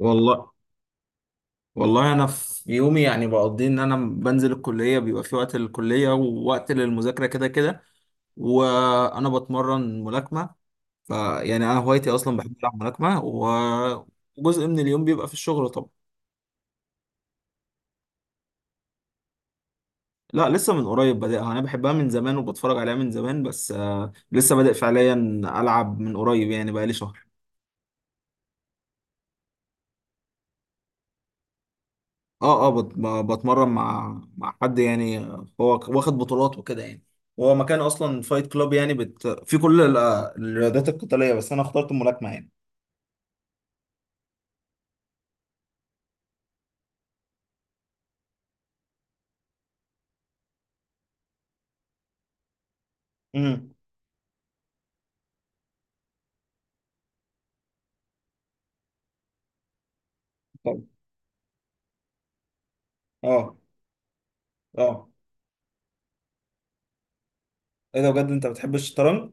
والله والله، انا في يومي يعني بقضي انا بنزل الكليه، بيبقى في وقت للكليه ووقت للمذاكره كده كده. وانا بتمرن ملاكمه، فيعني انا هوايتي اصلا بحب العب ملاكمه وجزء من اليوم بيبقى في الشغل طبعا. لا، لسه من قريب بادئها. انا بحبها من زمان وبتفرج عليها من زمان، بس لسه بادئ فعليا العب من قريب يعني بقالي شهر. اه اه، بتمرن مع حد يعني، هو واخد بطولات وكده يعني. هو مكان اصلا فايت كلاب يعني في كل الرياضات القتاليه، بس انا اخترت الملاكمه يعني. امم طب. اه اه، ايه ده؟ بجد انت بتحب الشطرنج؟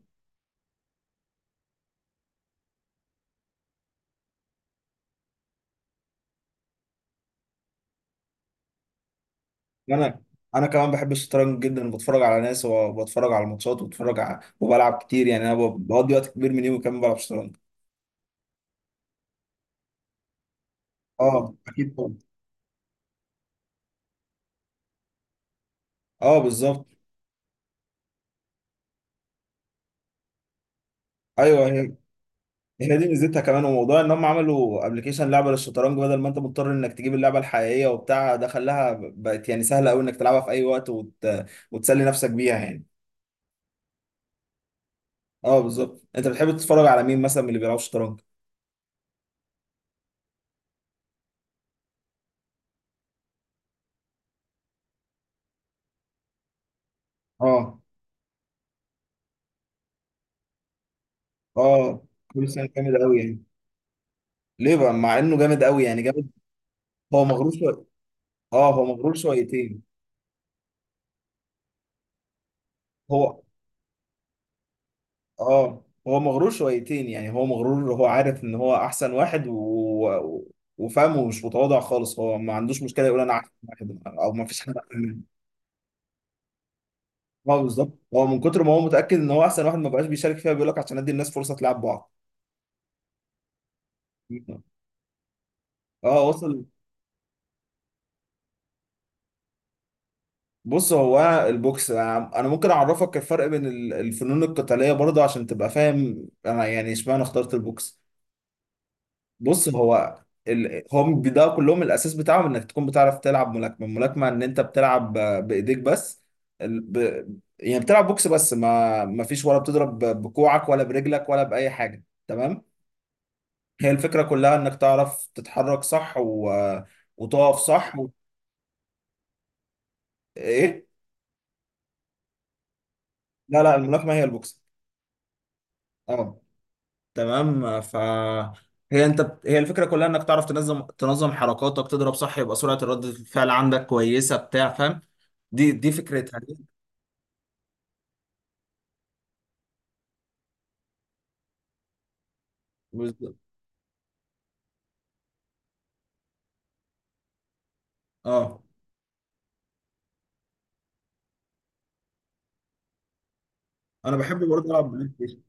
انا انا كمان بحب الشطرنج جدا، بتفرج على ناس وبتفرج على الماتشات وبتفرج على وبلعب كتير يعني، انا بقضي وقت كبير من يومي كمان بلعب شطرنج. اه اكيد طبعا. اه بالظبط. ايوه، هي هي دي ميزتها كمان، وموضوع ان هم عملوا ابلكيشن لعبه للشطرنج بدل ما انت مضطر انك تجيب اللعبه الحقيقيه وبتاع، ده خلاها بقت يعني سهله قوي انك تلعبها في اي وقت وتسلي نفسك بيها يعني. اه بالظبط. انت بتحب تتفرج على مين مثلا من اللي بيلعبوا شطرنج؟ اه اه، كل سنه جامد قوي يعني. ليه بقى مع انه جامد قوي يعني؟ جامد. هو مغرور شويه؟ اه هو مغرور شويتين. هو، اه هو مغرور شويتين يعني. هو مغرور، هو عارف ان هو احسن واحد و... وفاهم ومش متواضع خالص، هو ما عندوش مشكله يقول انا احسن واحد او ما فيش حد احسن مني. اه بالظبط، هو من كتر ما هو متاكد ان هو احسن واحد ما بقاش بيشارك فيها، بيقول لك عشان ادي الناس فرصه تلعب بعض. اه، وصل. بص هو البوكس، انا ممكن اعرفك الفرق بين الفنون القتاليه برضه عشان تبقى فاهم انا يعني اشمعنى اخترت البوكس. بص هو هم ده كلهم الاساس بتاعهم انك تكون بتعرف تلعب ملاكمه. الملاكمه ان انت بتلعب بايديك بس، ال... ب... يعني بتلعب بوكس بس ما فيش، ولا بتضرب بكوعك ولا برجلك ولا باي حاجه، تمام؟ هي الفكره كلها انك تعرف تتحرك صح وتقف صح ايه. لا، لا، الملاكمه هي البوكس. اه. تمام، هي انت هي الفكره كلها انك تعرف تنظم حركاتك، تضرب صح، يبقى سرعه ردة الفعل عندك كويسه بتاع فاهم؟ دي فكرتها. بالظبط. اه انا بحب برضه العب بلاي ستيشن.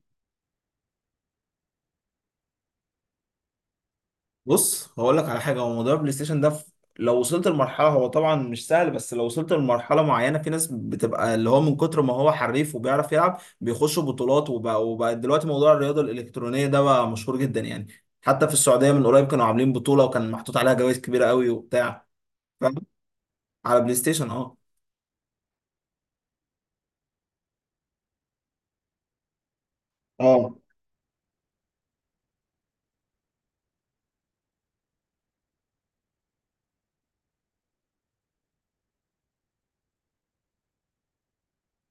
بص هقول لك على حاجه، هو موضوع البلاي ستيشن ده لو وصلت لمرحله، هو طبعا مش سهل، بس لو وصلت لمرحله معينه، في ناس بتبقى اللي هو من كتر ما هو حريف وبيعرف يلعب بيخشوا بطولات، وبقى دلوقتي موضوع الرياضه الالكترونيه ده بقى مشهور جدا يعني. حتى في السعوديه من قريب كانوا عاملين بطوله، وكان محطوط عليها جوائز كبيره قوي وبتاع، فاهم؟ على بلاي ستيشن، اه اه.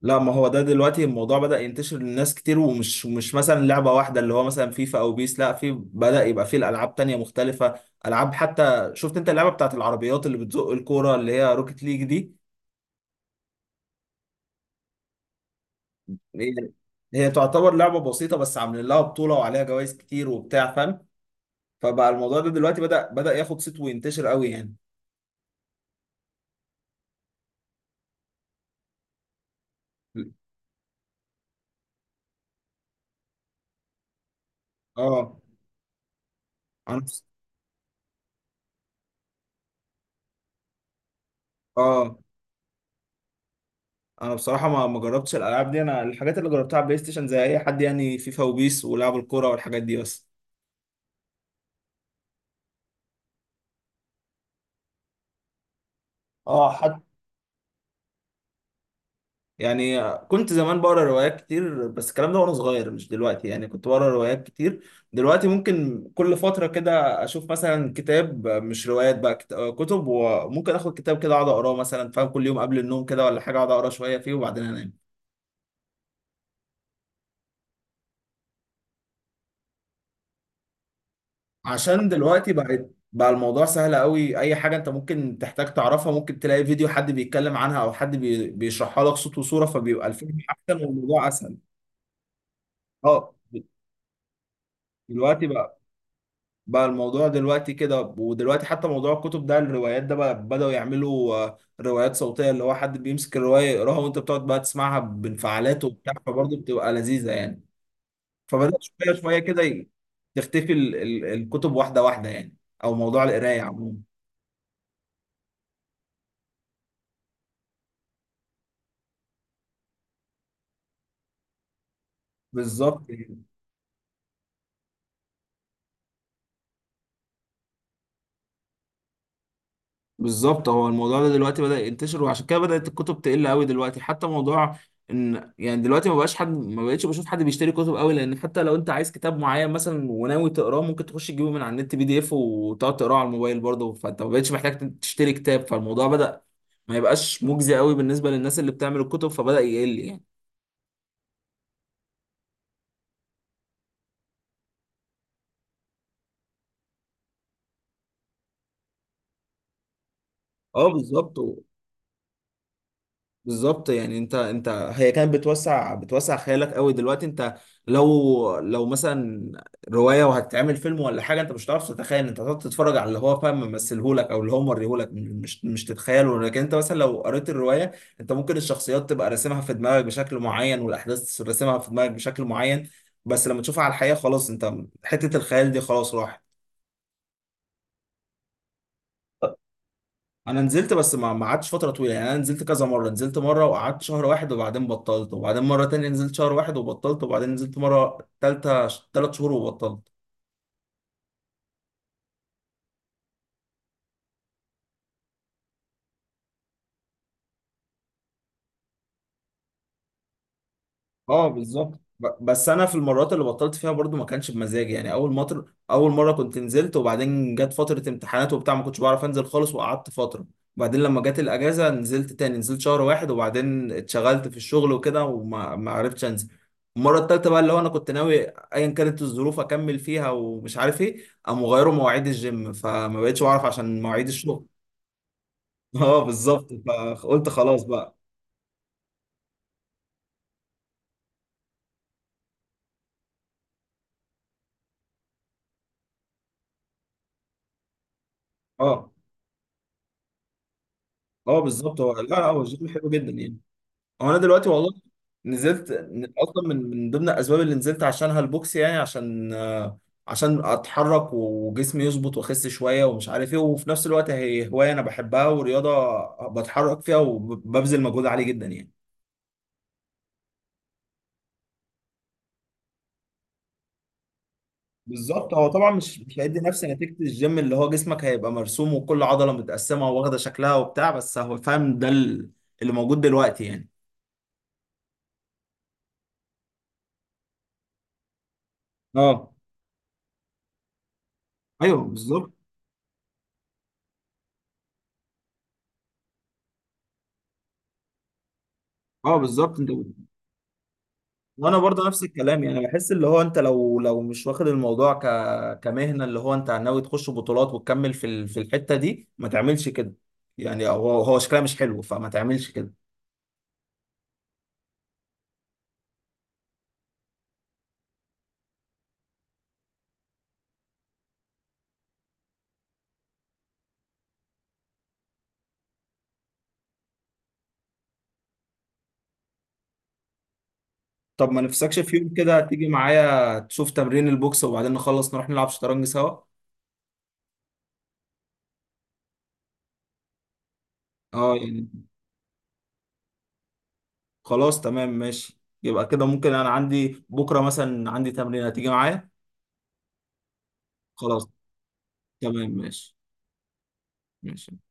لا، ما هو ده دلوقتي الموضوع بدأ ينتشر للناس كتير، ومش مش مثلا لعبة واحدة اللي هو مثلا فيفا او بيس، لا، في بدأ يبقى فيه الألعاب تانية مختلفة. ألعاب، حتى شفت انت اللعبة بتاعت العربيات اللي بتزق الكورة اللي هي روكيت ليج دي؟ هي، هي تعتبر لعبة بسيطة بس عاملين لها بطولة وعليها جوائز كتير وبتاع، فاهم؟ فبقى الموضوع ده دلوقتي بدأ ياخد صيت وينتشر قوي يعني. اه، انا اه بصراحه ما جربتش الالعاب دي، انا الحاجات اللي جربتها على بلاي ستيشن زي اي حد يعني، فيفا وبيس ولعب الكوره والحاجات دي بس. اه حتى. يعني كنت زمان بقرا روايات كتير، بس الكلام ده وانا صغير مش دلوقتي يعني، كنت بقرا روايات كتير. دلوقتي ممكن كل فترة كده اشوف مثلا كتاب، مش روايات بقى، كتب، وممكن اخد كتاب كده اقعد اقراه مثلا، فاهم؟ كل يوم قبل النوم كده ولا حاجة اقعد اقرا شوية فيه وبعدين انام. عشان دلوقتي بقى الموضوع سهل قوي، اي حاجة انت ممكن تحتاج تعرفها ممكن تلاقي فيديو حد بيتكلم عنها او حد بيشرحها لك صوت وصورة، فبيبقى الفيلم احسن والموضوع اسهل. اه، دلوقتي بقى، بقى الموضوع دلوقتي كده. ودلوقتي حتى موضوع الكتب ده الروايات ده، بقى بدأوا يعملوا روايات صوتية، اللي هو حد بيمسك الرواية يقراها وانت بتقعد بقى تسمعها بانفعالات وبتاع، فبرضه بتبقى لذيذة يعني. فبدأت شوية شوية كده تختفي الكتب واحدة واحدة يعني، او موضوع القراية عموما. بالظبط. بالظبط، هو الموضوع ده دلوقتي بدأ ينتشر وعشان كده بدأت الكتب تقل قوي دلوقتي حتى موضوع ان يعني دلوقتي ما بقاش حد ما بقتش بشوف حد بيشتري كتب قوي لان حتى لو انت، عايز كتاب معين مثلا وناوي تقراه ممكن تخش تجيبه من على النت بي دي اف وتقعد تقراه على الموبايل برضه فانت ما بقتش محتاج تشتري كتاب فالموضوع بدأ ما يبقاش مجزي قوي بالنسبة للناس اللي بتعمل الكتب فبدأ يقل يعني اه بالظبط بالظبط يعني انت هي كانت بتوسع خيالك قوي. دلوقتي انت، لو مثلا روايه وهتتعمل فيلم ولا حاجه، انت مش هتعرف تتخيل، انت هتقعد تتفرج على اللي هو فاهم ممثلهولك او اللي هو موريهولك، مش تتخيله. لكن انت مثلا لو قريت الروايه، انت ممكن الشخصيات تبقى راسمها في دماغك بشكل معين والاحداث راسمها في دماغك بشكل معين، بس لما تشوفها على الحقيقه خلاص انت، حته الخيال دي خلاص راحت. انا نزلت، بس ما قعدتش فتره طويله يعني، انا نزلت كذا مره، نزلت مره وقعدت شهر واحد وبعدين بطلت، وبعدين مره تانية نزلت شهر واحد وبطلت، وبعدين نزلت مره تالتة 3 شهور وبطلت. اه بالظبط، بس انا في المرات اللي بطلت فيها برضو ما كانش بمزاجي يعني، اول مطر اول مره كنت نزلت وبعدين جت فتره امتحانات وبتاع ما كنتش بعرف انزل خالص وقعدت فتره، وبعدين لما جت الاجازه نزلت تاني، نزلت شهر واحد وبعدين اتشغلت في الشغل وكده وما ما عرفتش انزل. المره التالتة بقى اللي هو انا كنت ناوي ايا كانت الظروف اكمل فيها، ومش عارف ايه قاموا غيروا مواعيد الجيم فما بقتش بعرف عشان مواعيد الشغل. اه بالظبط. فقلت خلاص بقى. اه اه بالظبط، هو لا، لا، هو الجيم حلو جدا يعني. هو انا دلوقتي والله نزلت اصلا من ضمن الاسباب اللي نزلت عشانها البوكس، يعني عشان عشان اتحرك وجسمي يظبط واخس شويه ومش عارف ايه، وفي نفس الوقت هي هوايه انا بحبها ورياضه بتحرك فيها وببذل مجهود عالي جدا يعني. بالظبط. هو طبعا مش هيدي نفس نتيجه الجيم اللي هو جسمك هيبقى مرسوم وكل عضله متقسمه واخده شكلها وبتاع، بس هو فاهم ده اللي موجود دلوقتي يعني. اه ايوه بالظبط. اه بالظبط انت، وانا برضه نفس الكلام يعني بحس اللي هو انت، لو مش واخد الموضوع كمهنه، اللي هو انت ناوي تخش بطولات وتكمل في في الحته دي، ما تعملش كده يعني. هو هو شكلها مش حلو فما تعملش كده. طب ما نفسكش في يوم كده تيجي معايا تشوف تمرين البوكس وبعدين نخلص نروح نلعب شطرنج سوا؟ اه يعني، خلاص تمام ماشي. يبقى كده ممكن، انا عندي بكره مثلا عندي تمرين، هتيجي معايا؟ خلاص تمام ماشي. ماشي.